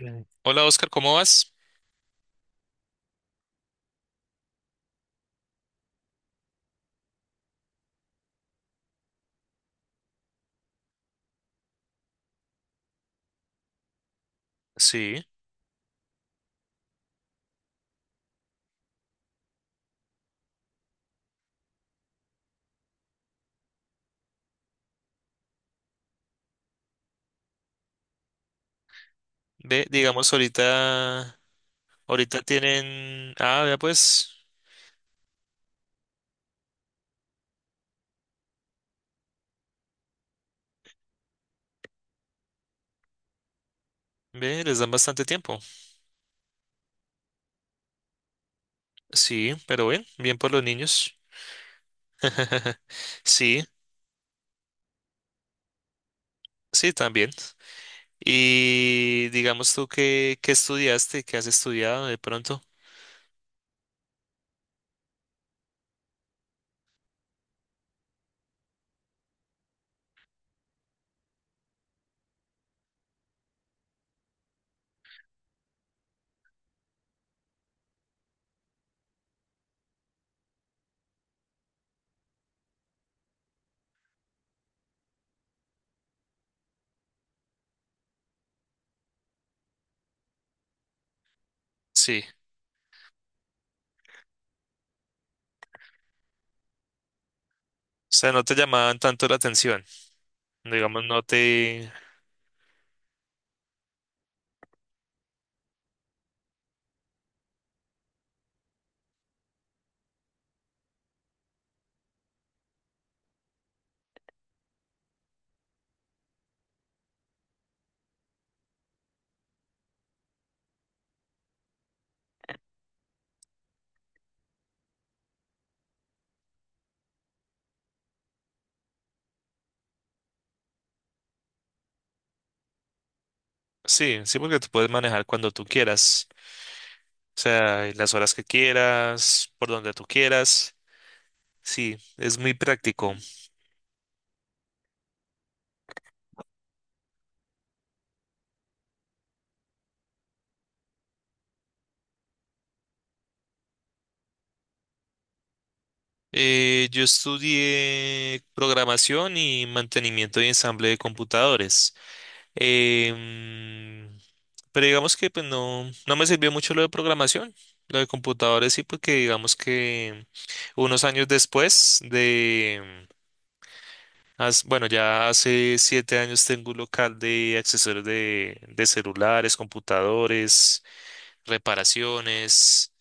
Mm. Hola Oscar, ¿cómo vas? Sí, ve, digamos ahorita, ahorita tienen, ah, vea pues, ve, les dan bastante tiempo. Sí, pero bien, bien por los niños. Sí, sí, también. Y digamos tú qué, qué estudiaste, qué has estudiado de pronto. Sí, o sea, no te llamaban tanto la atención. Digamos, no te... Sí, sí, porque tú puedes manejar cuando tú quieras. O sea, y las horas que quieras, por donde tú quieras. Sí, es muy práctico. Yo estudié programación y mantenimiento y ensamble de computadores. Em, pero digamos que pues no, no me sirvió mucho lo de programación. Lo de computadores sí, porque digamos que unos años después de, bueno, ya hace 7 años tengo un local de accesorios de celulares, computadores, reparaciones.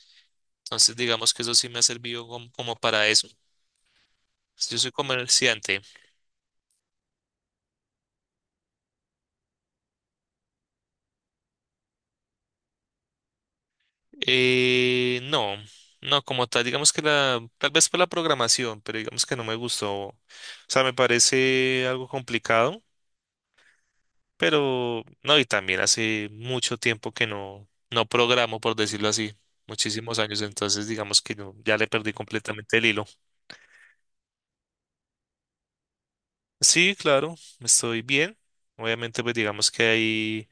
Entonces digamos que eso sí me ha servido como como para eso. Pues, yo soy comerciante. No, no, como tal, digamos que la, tal vez por la programación, pero digamos que no me gustó. O sea, me parece algo complicado, pero no, y también hace mucho tiempo que no programo, por decirlo así, muchísimos años, entonces digamos que no, ya le perdí completamente el hilo. Sí, claro, estoy bien. Obviamente, pues digamos que hay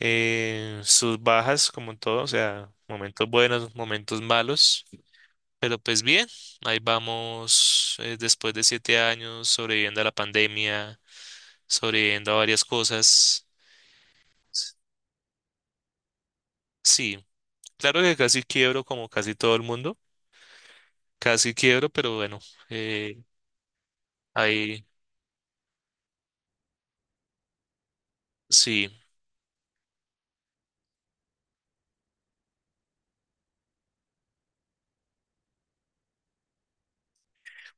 sus bajas, como en todo, o sea, momentos buenos, momentos malos. Pero pues bien, ahí vamos después de 7 años sobreviviendo a la pandemia, sobreviviendo a varias cosas. S- Sí, claro que casi quiebro como casi todo el mundo, casi quiebro, pero bueno, eh, ahí sí.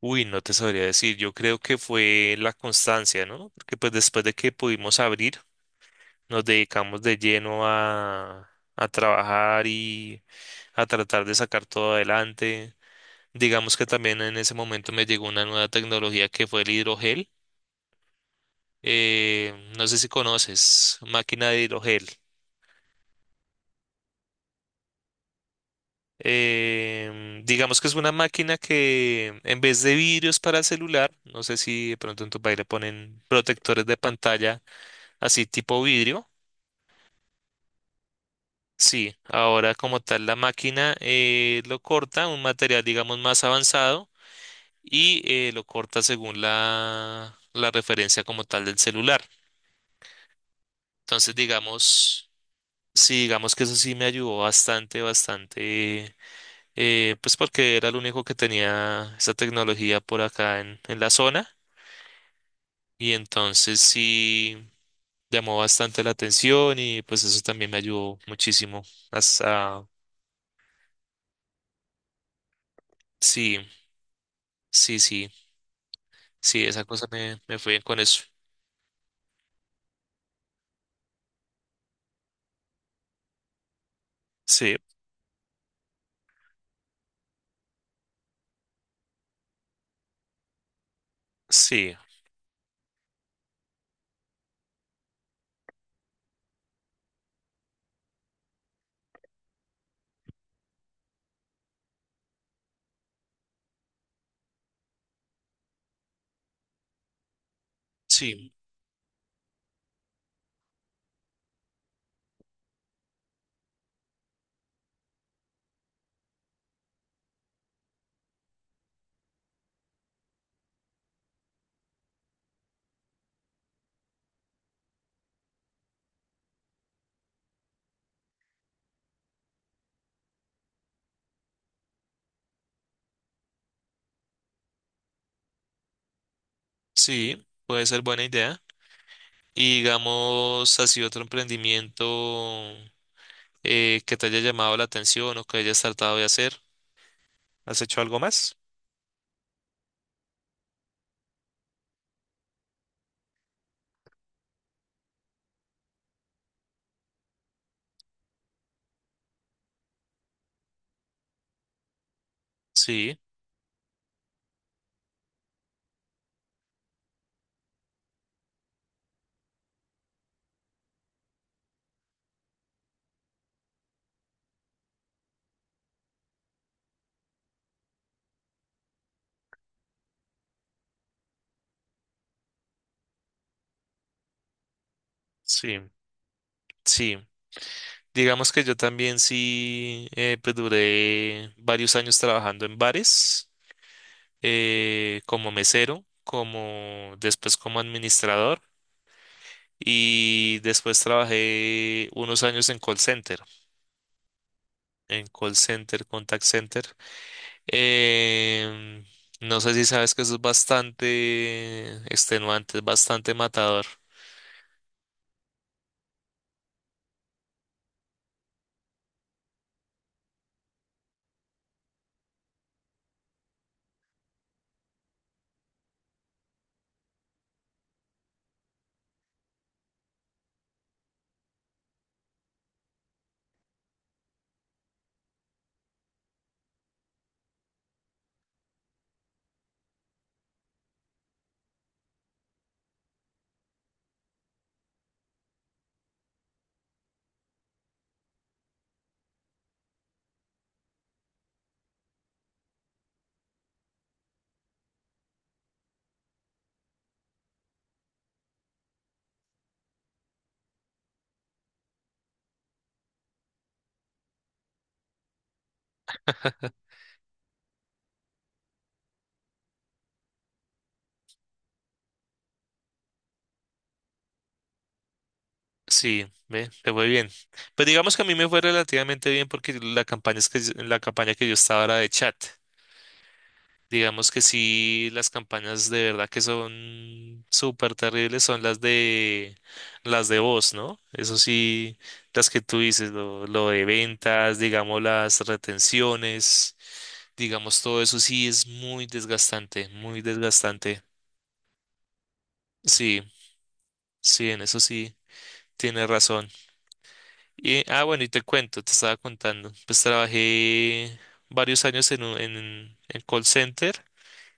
Uy, no te sabría decir, yo creo que fue la constancia, ¿no? Porque pues después de que pudimos abrir, nos dedicamos de lleno a trabajar y a tratar de sacar todo adelante. Digamos que también en ese momento me llegó una nueva tecnología que fue el hidrogel. No sé si conoces, máquina de hidrogel. Digamos que es una máquina que en vez de vidrios para celular, no sé si de pronto en tu país le ponen protectores de pantalla así tipo vidrio. Sí, ahora como tal la máquina lo corta, un material digamos más avanzado y lo corta según la, la referencia como tal del celular. Entonces digamos... Sí, digamos que eso sí me ayudó bastante, bastante, pues porque era el único que tenía esa tecnología por acá en la zona y entonces sí llamó bastante la atención y pues eso también me ayudó muchísimo. Hasta, sí, sí, sí, sí, esa cosa me, me fue bien con eso. Sí, sí, sí, sí, puede ser buena idea. Y digamos, así otro emprendimiento que te haya llamado la atención o que hayas tratado de hacer. ¿Has hecho algo más? Sí, sí, sí. Digamos que yo también sí, pues duré varios años trabajando en bares, como mesero, como después como administrador y después trabajé unos años en call center, contact center. Em, no sé si sabes que eso es bastante extenuante, es bastante matador. Sí, ve, te fue bien. Pues digamos que a mí me fue relativamente bien porque la campaña, es que, la campaña que yo estaba era de chat. Digamos que sí, las campañas de verdad que son súper terribles son las de voz, ¿no? Eso sí, las que tú dices, lo de ventas, digamos las retenciones, digamos todo eso sí es muy desgastante, muy desgastante. Sí, sí, en eso sí, tienes razón. Y, ah, bueno, y te cuento, te estaba contando. Pues trabajé varios años en, en call center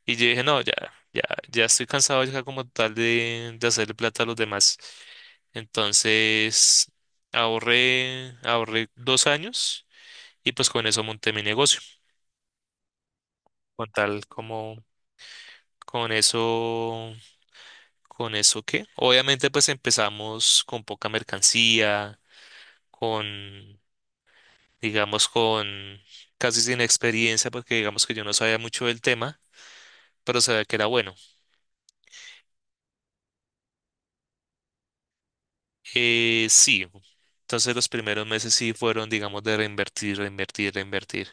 y yo dije, no, ya, ya, ya estoy cansado ya como tal de hacerle plata a los demás. Entonces ahorré, ahorré 2 años y pues con eso monté mi negocio. Con tal como, con eso, con eso qué. Obviamente pues empezamos con poca mercancía, con... digamos, con casi sin experiencia, porque digamos que yo no sabía mucho del tema, pero sabía que era bueno. Sí, entonces los primeros meses sí fueron, digamos, de reinvertir, reinvertir, reinvertir,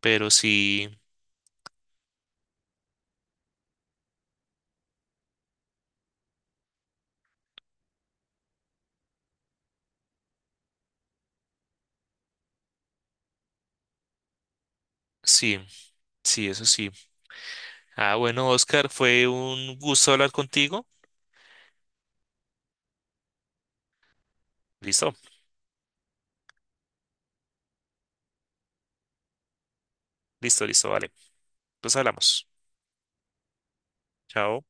pero sí, sí, sí, eso sí. Ah, bueno, Oscar, fue un gusto hablar contigo. Listo, listo, listo, vale. Pues hablamos. Chao.